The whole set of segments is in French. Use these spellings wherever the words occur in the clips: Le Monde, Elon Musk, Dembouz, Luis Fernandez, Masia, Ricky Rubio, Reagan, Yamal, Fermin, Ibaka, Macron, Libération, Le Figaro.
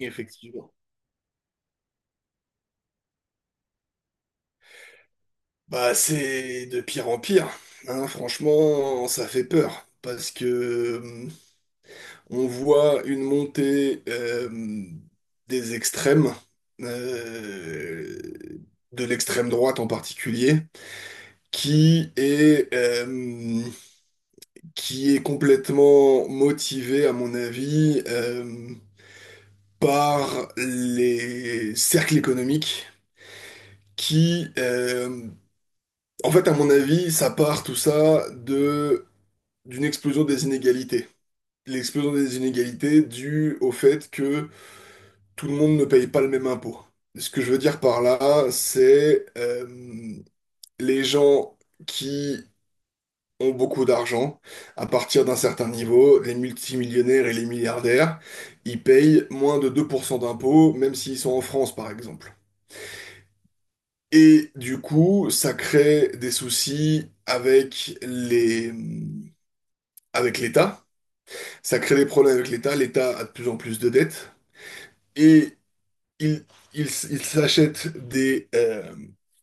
Effectivement. Bah, c'est de pire en pire. Hein. Franchement, ça fait peur parce que euh, on voit une montée des extrêmes, euh, de l'extrême droite en particulier, qui est euh, qui est complètement motivée, à mon avis, par les cercles économiques qui en fait, à mon avis, ça part tout ça de d'une explosion des inégalités. L'explosion des inégalités due au fait que tout le monde ne paye pas le même impôt. Ce que je veux dire par là, c'est les gens qui ont beaucoup d'argent, à partir d'un certain niveau, les multimillionnaires et les milliardaires, ils payent moins de 2% d'impôts, même s'ils sont en France, par exemple. Et du coup, ça crée des soucis avec les avec l'État. Ça crée des problèmes avec l'État. L'État a de plus en plus de dettes. Et il, il s'achète des, euh,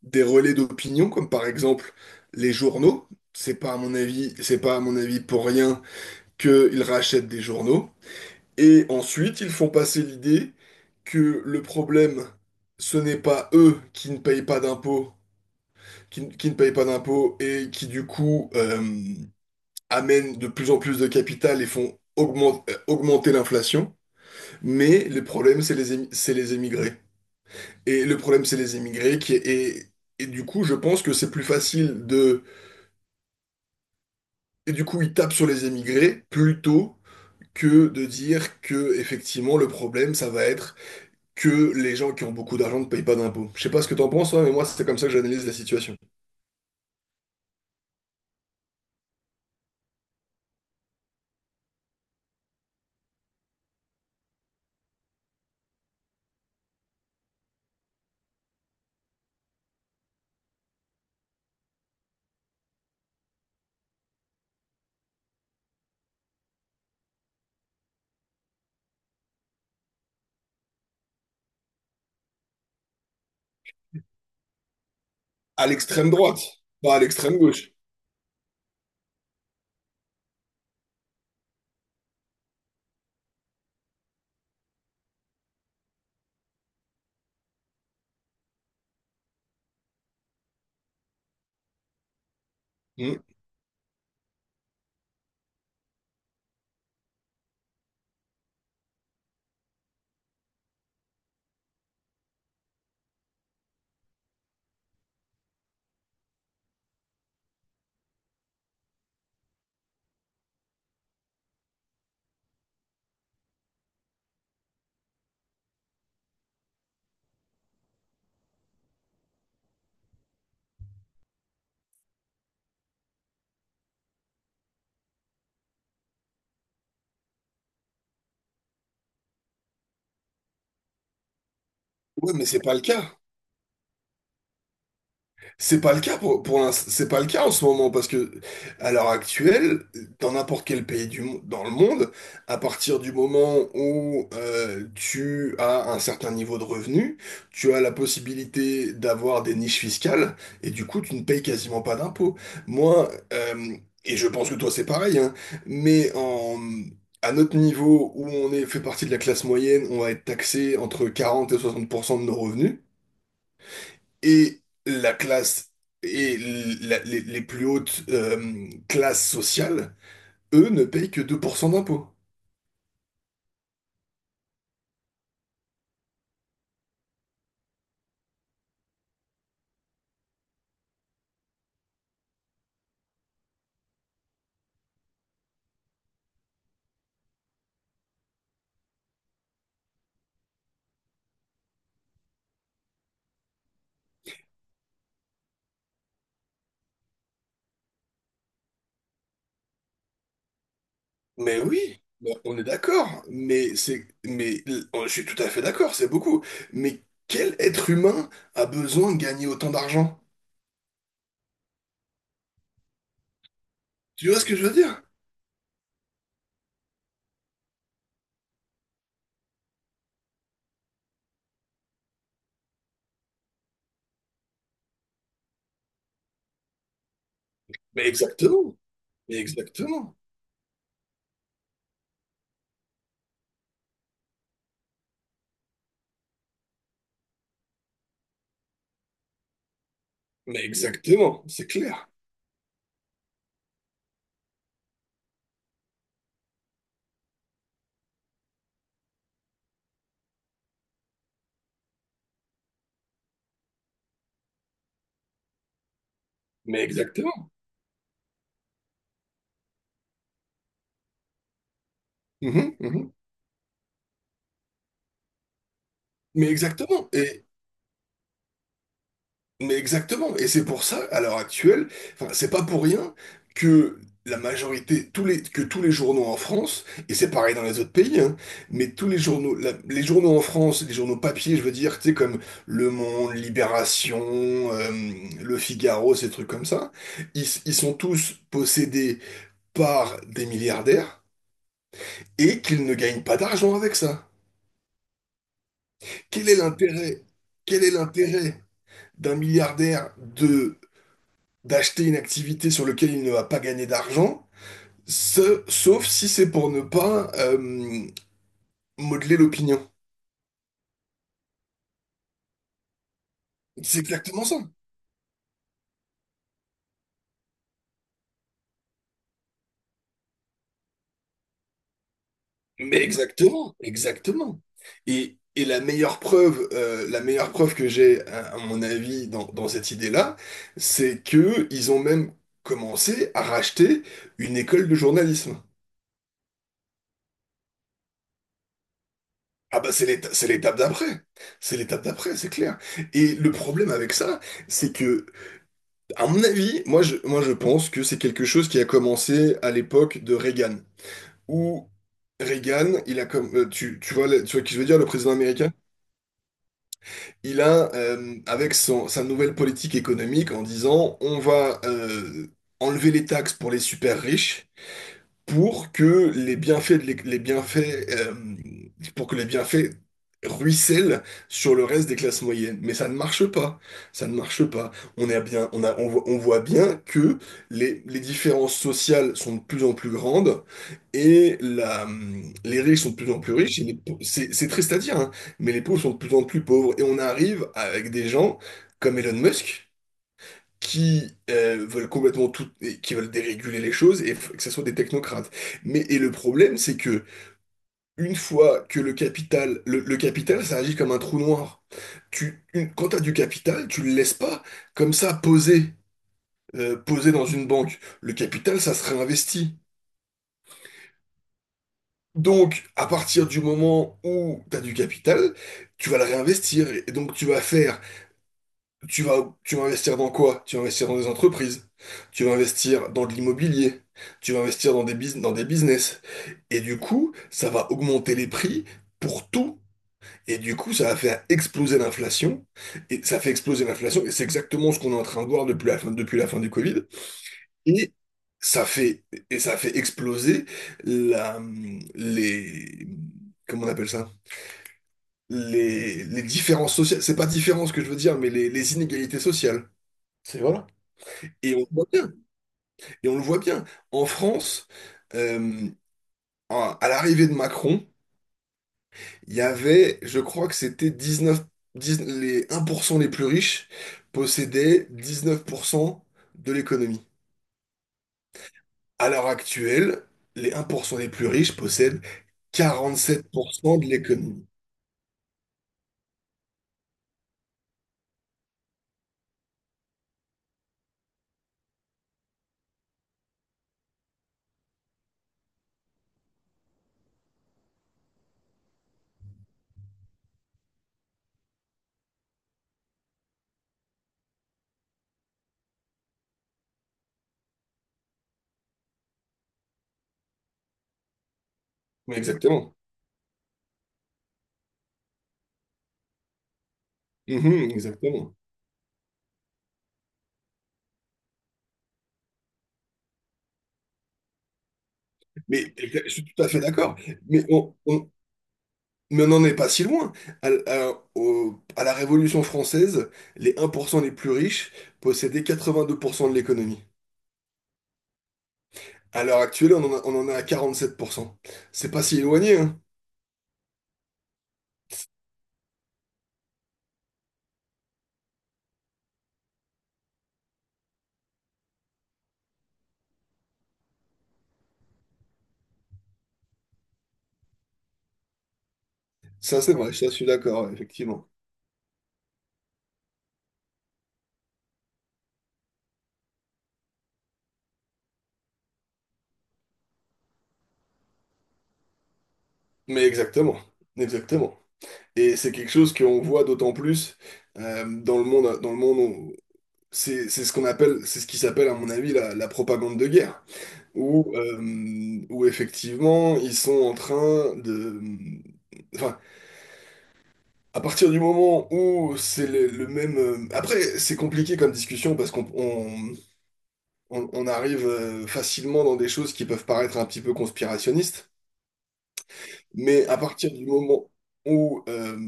des relais d'opinion, comme par exemple les journaux. C'est pas à mon avis, c'est pas à mon avis pour rien qu'ils rachètent des journaux. Et ensuite, ils font passer l'idée que le problème, ce n'est pas eux qui ne payent pas d'impôts, qui ne payent pas d'impôts et qui du coup amènent de plus en plus de capital et font augmenter l'inflation. Mais le problème, c'est les émigrés. Et le problème, c'est les émigrés et du coup, je pense que c'est plus facile de et du coup, ils tapent sur les émigrés plutôt que de dire que effectivement le problème, ça va être que les gens qui ont beaucoup d'argent ne payent pas d'impôts. Je sais pas ce que t'en penses, toi, mais moi, c'est comme ça que j'analyse la situation. À l'extrême droite, pas à l'extrême gauche. Hmm. Ouais, mais c'est pas le cas. C'est pas le cas c'est pas le cas en ce moment parce que à l'heure actuelle, dans n'importe quel pays dans le monde, à partir du moment où tu as un certain niveau de revenu, tu as la possibilité d'avoir des niches fiscales et du coup tu ne payes quasiment pas d'impôts. Moi, et je pense que toi c'est pareil, hein, mais en À notre niveau où on est, fait partie de la classe moyenne, on va être taxé entre 40 et 60% de nos revenus et la classe et les plus hautes classes sociales, eux, ne payent que 2% d'impôts. Mais oui, ben, on est d'accord, je suis tout à fait d'accord, c'est beaucoup. Mais quel être humain a besoin de gagner autant d'argent? Tu vois ce que je veux dire? Mais exactement, mais exactement, mais exactement, c'est clair, mais exactement. Mhm, mhm. Mais exactement. Et. Mais exactement, et c'est pour ça, à l'heure actuelle, enfin, c'est pas pour rien que la majorité, tous les, que tous les journaux en France, et c'est pareil dans les autres pays, hein, mais tous les journaux, les journaux en France, les journaux papier, je veux dire, tu sais, comme Le Monde, Libération, euh, Le Figaro, ces trucs comme ça, ils sont tous possédés par des milliardaires et qu'ils ne gagnent pas d'argent avec ça. Quel est l'intérêt? Quel est l'intérêt d'un milliardaire de d'acheter une activité sur laquelle il ne va pas gagner d'argent, sauf si c'est pour ne pas modeler l'opinion. C'est exactement ça. Mais exactement, exactement. Et la meilleure preuve que j'ai, à mon avis, dans, dans cette idée-là, c'est que ils ont même commencé à racheter une école de journalisme. Ah bah c'est l'étape d'après. C'est l'étape d'après, c'est clair. Et le problème avec ça, c'est que à mon avis, moi je pense que c'est quelque chose qui a commencé à l'époque de Reagan, où Reagan, il a comme tu vois tu vois qui je veux dire le président américain, il a avec sa nouvelle politique économique en disant on va enlever les taxes pour les super riches pour que les bienfaits, euh, pour que les bienfaits, ruissellent sur le reste des classes moyennes. Mais ça ne marche pas. Ça ne marche pas. On est bien, on voit bien que les différences sociales sont de plus en plus grandes et les riches sont de plus en plus riches. Et les c'est triste à dire, hein, mais les pauvres sont de plus en plus pauvres. Et on arrive avec des gens comme Elon Musk qui veulent complètement tout, et qui veulent déréguler les choses et que ce soit des technocrates. Mais et le problème, c'est que une fois que le capital, le capital, ça agit comme un trou noir. Quand t'as du capital, tu le laisses pas comme ça poser, poser dans une banque. Le capital, ça se réinvestit. Donc, à partir du moment où tu as du capital, tu vas le réinvestir. Et donc, tu vas investir dans quoi? Tu vas investir dans des entreprises, tu vas investir dans de l'immobilier, tu vas investir dans des business. Et du coup, ça va augmenter les prix pour tout. Et du coup, ça va faire exploser l'inflation. Et ça fait exploser l'inflation. Et c'est exactement ce qu'on est en train de voir depuis la fin du Covid. Et ça fait, et ça fait exploser la, les, comment on appelle ça? Les différences sociales. C'est pas différence que je veux dire, mais les inégalités sociales. C'est voilà. Et on le voit bien. Et on le voit bien. En France, euh, à l'arrivée de Macron, il y avait, je crois que c'était 19, 10 les 1% les plus riches possédaient 19% de l'économie. À l'heure actuelle, les 1% les plus riches possèdent 47% de l'économie. Exactement. Mhm, exactement. Mais je suis tout à fait d'accord. Mais on, on- Mais on n'en est pas si loin. À la Révolution française, les 1% les plus riches possédaient 82% de l'économie. À l'heure actuelle, on en a, on en est à 47%. C'est pas si éloigné, hein. Ça, c'est vrai, ça, je suis d'accord, ouais, effectivement. Mais exactement, exactement. Et c'est quelque chose qu'on voit d'autant plus dans le monde, c'est ce qui s'appelle, à mon avis, la propagande de guerre, où, où effectivement, ils sont en train de... Enfin, à partir du moment où c'est le même... après, c'est compliqué comme discussion parce qu'on arrive facilement dans des choses qui peuvent paraître un petit peu conspirationnistes, mais à partir du moment où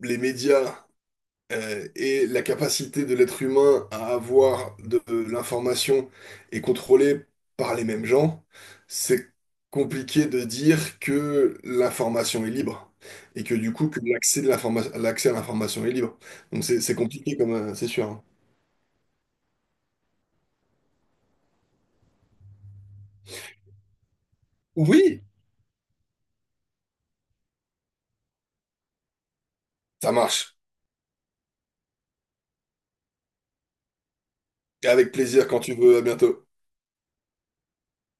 les médias et la capacité de l'être humain à avoir de l'information est contrôlée par les mêmes gens, c'est compliqué de dire que l'information est libre et que du coup que l'accès à l'information est libre. Donc c'est compliqué comme c'est sûr. Hein. Oui, ça marche. Et avec plaisir quand tu veux, à bientôt.